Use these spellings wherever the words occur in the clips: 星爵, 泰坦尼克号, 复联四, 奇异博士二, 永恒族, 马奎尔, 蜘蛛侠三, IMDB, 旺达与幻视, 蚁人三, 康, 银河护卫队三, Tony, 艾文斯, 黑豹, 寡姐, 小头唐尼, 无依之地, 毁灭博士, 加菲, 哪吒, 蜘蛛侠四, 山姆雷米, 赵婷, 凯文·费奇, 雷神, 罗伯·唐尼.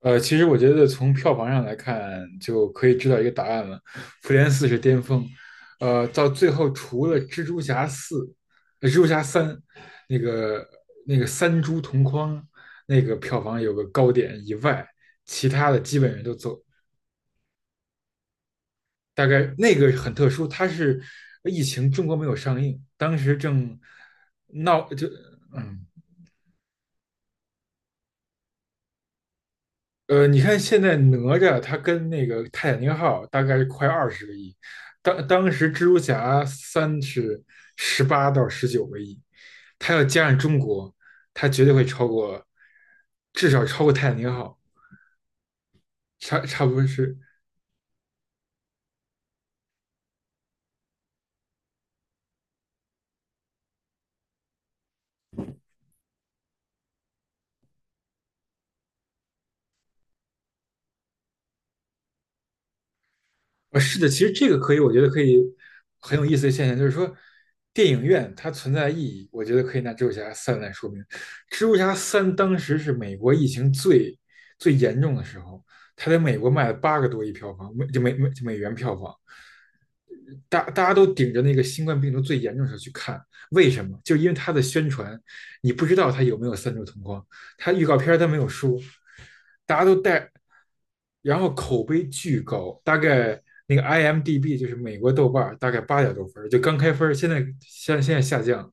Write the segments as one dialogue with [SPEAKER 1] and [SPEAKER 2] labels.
[SPEAKER 1] 其实我觉得从票房上来看，就可以知道一个答案了，《复联四》是巅峰。到最后除了蜘蛛侠四、蜘蛛侠三，那个那个三蛛同框那个票房有个高点以外，其他的基本上都走。大概那个很特殊，它是疫情中国没有上映，当时正闹嗯你看现在哪吒他跟那个泰坦尼克号大概快20个亿。当时蜘蛛侠三是18到19个亿，他要加上中国，他绝对会超过，至少超过泰坦尼克号。差不多是啊，是的。其实这个可以，我觉得可以很有意思的现象。就是说，电影院它存在的意义，我觉得可以拿《蜘蛛侠三》来说明。《蜘蛛侠三》当时是美国疫情最严重的时候，它在美国卖了8个多亿票房，美元票房。大家都顶着那个新冠病毒最严重的时候去看。为什么？就因为它的宣传，你不知道它有没有三周同框，它预告片它没有说。大家都带，然后口碑巨高，大概那个 IMDB 就是美国豆瓣大概8点多分就刚开分，现在现在下降。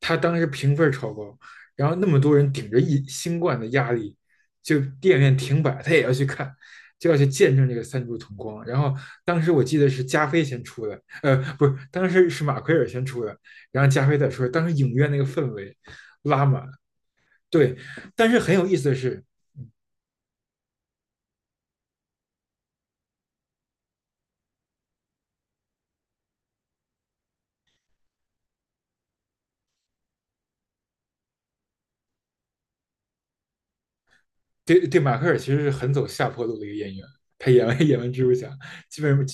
[SPEAKER 1] 它当时评分超高，然后那么多人顶着一新冠的压力，就电影院停摆，他也要去看，就要去见证这个三柱同光。然后当时我记得是加菲先出的，不是，当时是马奎尔先出的，然后加菲再出的。当时影院那个氛围拉满。对。但是很有意思的是，对对，马奎尔其实是很走下坡路的一个演员。他演完蜘蛛侠，基本上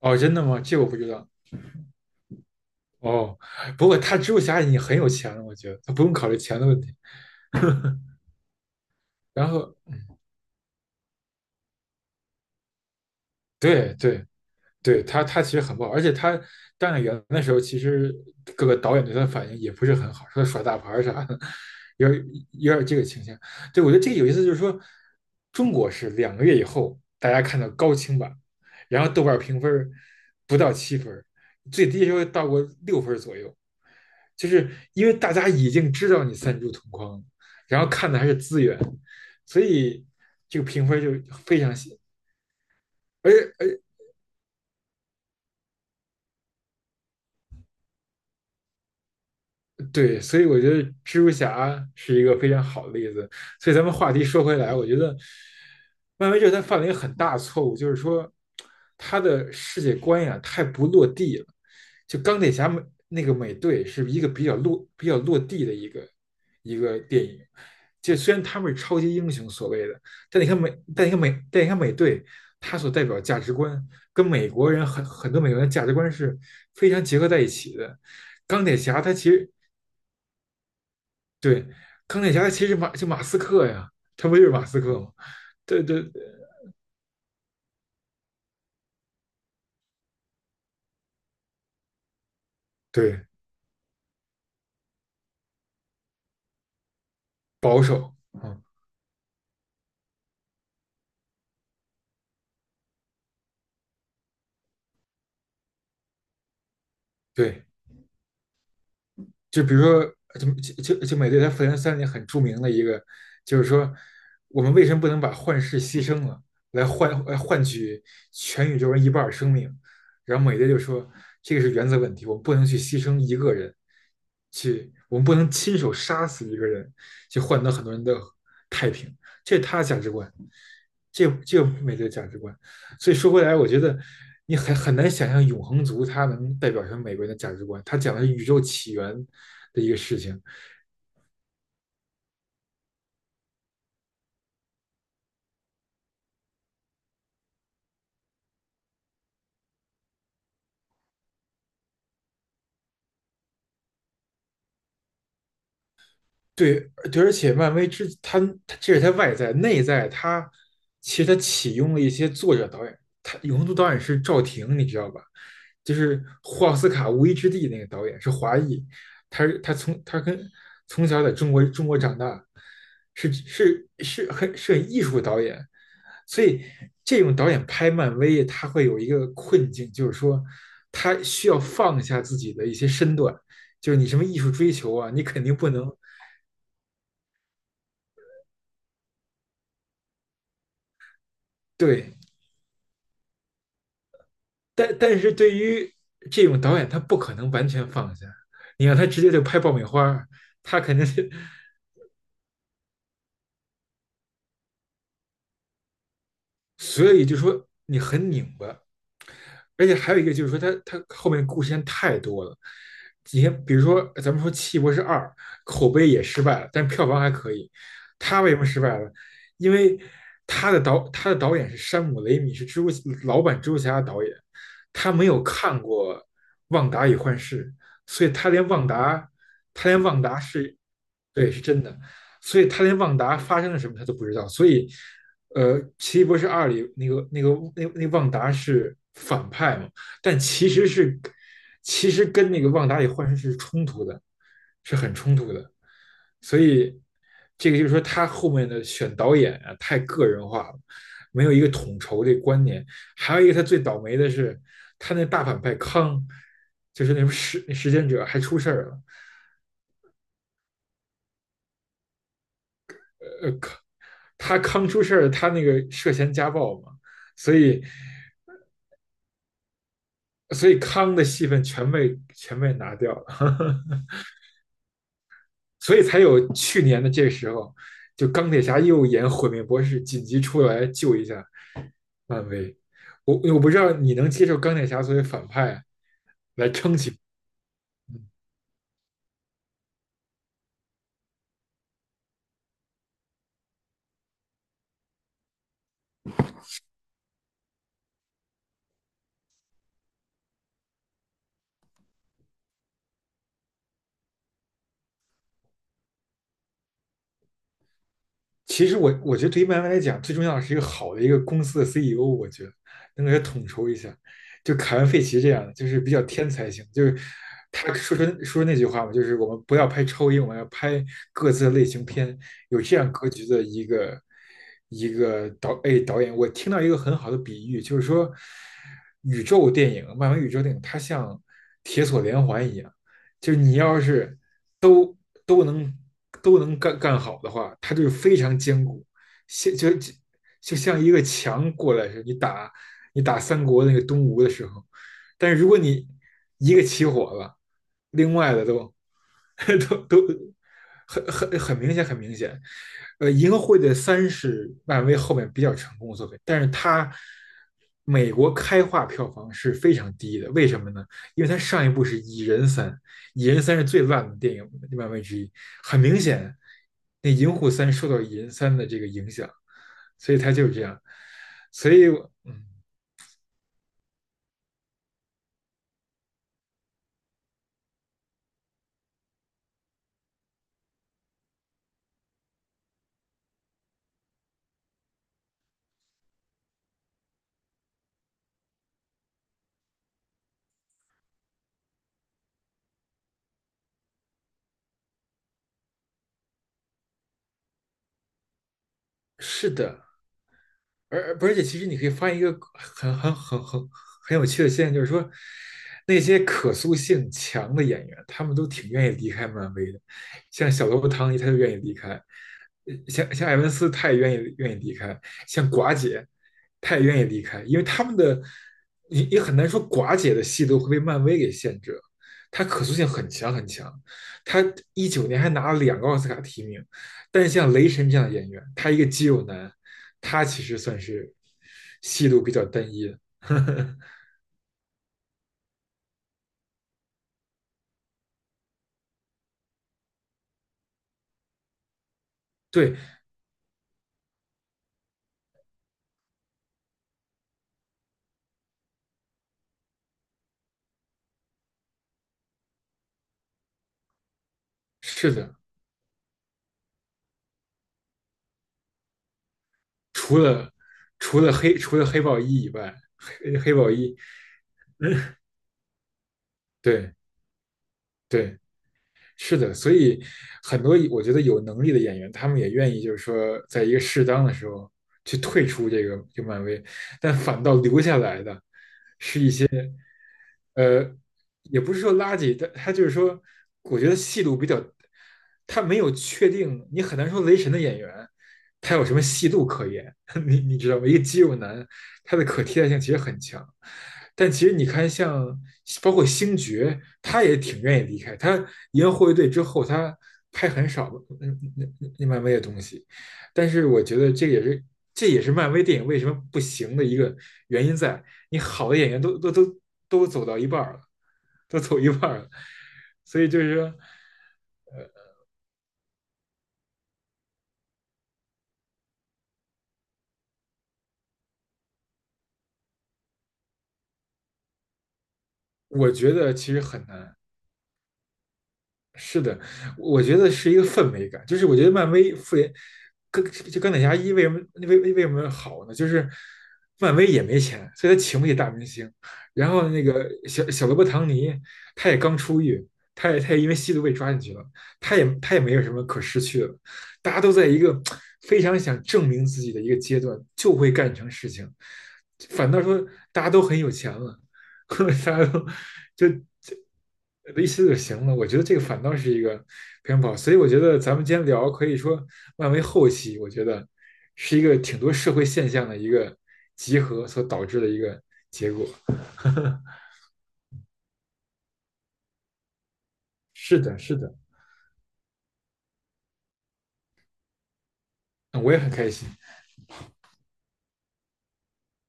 [SPEAKER 1] 哦，真的吗？这个我不知道哦。不过他蜘蛛侠已经很有钱了，我觉得他不用考虑钱的问题。然后对对，对他其实很不好。而且他当演员的时候，其实各个导演对他的反应也不是很好，说他耍大牌儿啥的，有有点这个倾向。对，我觉得这个有意思。就是说，中国是2个月以后大家看到高清版，然后豆瓣评分不到7分，最低时候到过6分左右，就是因为大家已经知道你三株同框了，然后看的还是资源，所以这个评分就非常细。而且对，所以我觉得蜘蛛侠是一个非常好的例子。所以咱们话题说回来，我觉得漫威这他犯了一个很大的错误，就是说他的世界观呀太不落地了。就钢铁侠那个美队是一个比较落地的一个电影。就虽然他们是超级英雄所谓的，但你看美队，他所代表价值观跟美国人很多美国人的价值观是非常结合在一起的。钢铁侠他其实对。钢铁侠其实马斯克呀，他不就是马斯克吗？对对对，保守，嗯，对。就比如说，就就就美队他复联三里很著名的一个，就是说，我们为什么不能把幻视牺牲了，来换取全宇宙人一半儿生命？然后美队就说，这个是原则问题，我们不能去牺牲一个人，去我们不能亲手杀死一个人，去换得很多人的太平，这是他的价值观，这个美队的价值观。所以说回来，我觉得你很难想象永恒族它能代表成美国人的价值观。他讲的是宇宙起源的一个事情。对，对，而且漫威之他这是他外在，内在他其实他启用了一些作者导演。他永恒族导演是赵婷，你知道吧？就是霍奥斯卡《无依之地》那个导演是华裔。他是他从他跟从小在中国长大，是是是很是很艺术导演。所以这种导演拍漫威，他会有一个困境，就是说他需要放下自己的一些身段，就是你什么艺术追求啊，你肯定不能对，但是对于这种导演，他不可能完全放下。你让他直接就拍爆米花，他肯定是。所以就说你很拧巴。而且还有一个就是说它后面故事线太多了。你看，比如说咱们说《奇异博士二》，口碑也失败了，但票房还可以。他为什么失败了？因为他的导演是山姆雷米，是蛛老版蜘蛛侠的导演，他没有看过《旺达与幻视》，所以他连旺达，他连旺达是，对，是真的，所以他连旺达发生了什么他都不知道。所以《奇异博士二》里那旺达是反派嘛，但其实跟那个旺达里幻视是冲突的，是很冲突的。所以这个就是说，他后面的选导演啊，太个人化了，没有一个统筹的观念。还有一个，他最倒霉的是，他那大反派康，就是那什么时间者还出事儿了。康康出事儿，他那个涉嫌家暴嘛，所以所以康的戏份全被拿掉了 所以才有去年的这个时候，就钢铁侠又演毁灭博士，紧急出来救一下漫威。我不知道你能接受钢铁侠作为反派来撑起。其实我觉得对于漫威来讲，最重要的是一个好的一个公司的 CEO,我觉得能给他统筹一下。就凯文·费奇这样的，就是比较天才型，就是他说出那句话嘛，就是我们不要拍超英，我们要拍各自的类型片，有这样格局的一个导演。我听到一个很好的比喻，就是说宇宙电影、漫威宇宙电影，它像铁索连环一样，就是你要是都都能都能干好的话，它就是非常坚固，像就就就像一个墙过来似的。你你打三国那个东吴的时候，但是如果你一个起火了，另外的都 都很明显，很明显。银河护卫队三是漫威后面比较成功的作品，但是它美国开画票房是非常低的，为什么呢？因为它上一部是蚁人三，蚁人三》是最烂的电影漫威之一，很明显。那《银护三》受到《蚁人三》的这个影响，所以它就是这样。所以，嗯，是的。而且，其实你可以发现一个很有趣的现象，就是说，那些可塑性强的演员，他们都挺愿意离开漫威的。像小头唐尼，他就愿意离开；像艾文斯，他也愿意离开；像寡姐，他也愿意离开，因为他们的也很难说寡姐的戏都会被漫威给限制了。她可塑性很强很强，他19年还拿了两个奥斯卡提名，但是像雷神这样的演员，他一个肌肉男，他其实算是戏路比较单一的。对，是的。除了除了黑豹一以外，黑豹一，对对，是的。所以很多我觉得有能力的演员，他们也愿意就是说，在一个适当的时候去退出这个漫威。但反倒留下来的呃，也不是说垃圾，但他就是说，我觉得戏路比较，他没有确定。你很难说雷神的演员他有什么戏路可言，你知道吗？一个肌肉男，他的可替代性其实很强。但其实你看像包括星爵，他也挺愿意离开，他赢了护卫队之后，他拍很少嗯那那漫威的东西。但是我觉得这也是漫威电影为什么不行的一个原因在，你好的演员都走到一半了，都走一半了，所以就是说我觉得其实很难。是的，我觉得是一个氛围感。就是我觉得漫威复联跟就钢铁侠一为什么为什么好呢？就是漫威也没钱，所以他请不起大明星。然后那个小罗伯·唐尼，他也刚出狱，他也因为吸毒被抓进去了，他也没有什么可失去了，大家都在一个非常想证明自己的一个阶段，就会干成事情。反倒说大家都很有钱了，大家都就一起就行了。我觉得这个反倒是一个偏跑，所以我觉得咱们今天聊可以说漫威后期，我觉得是一个挺多社会现象的一个集合所导致的一个结果。是的，是的，嗯我也很开心。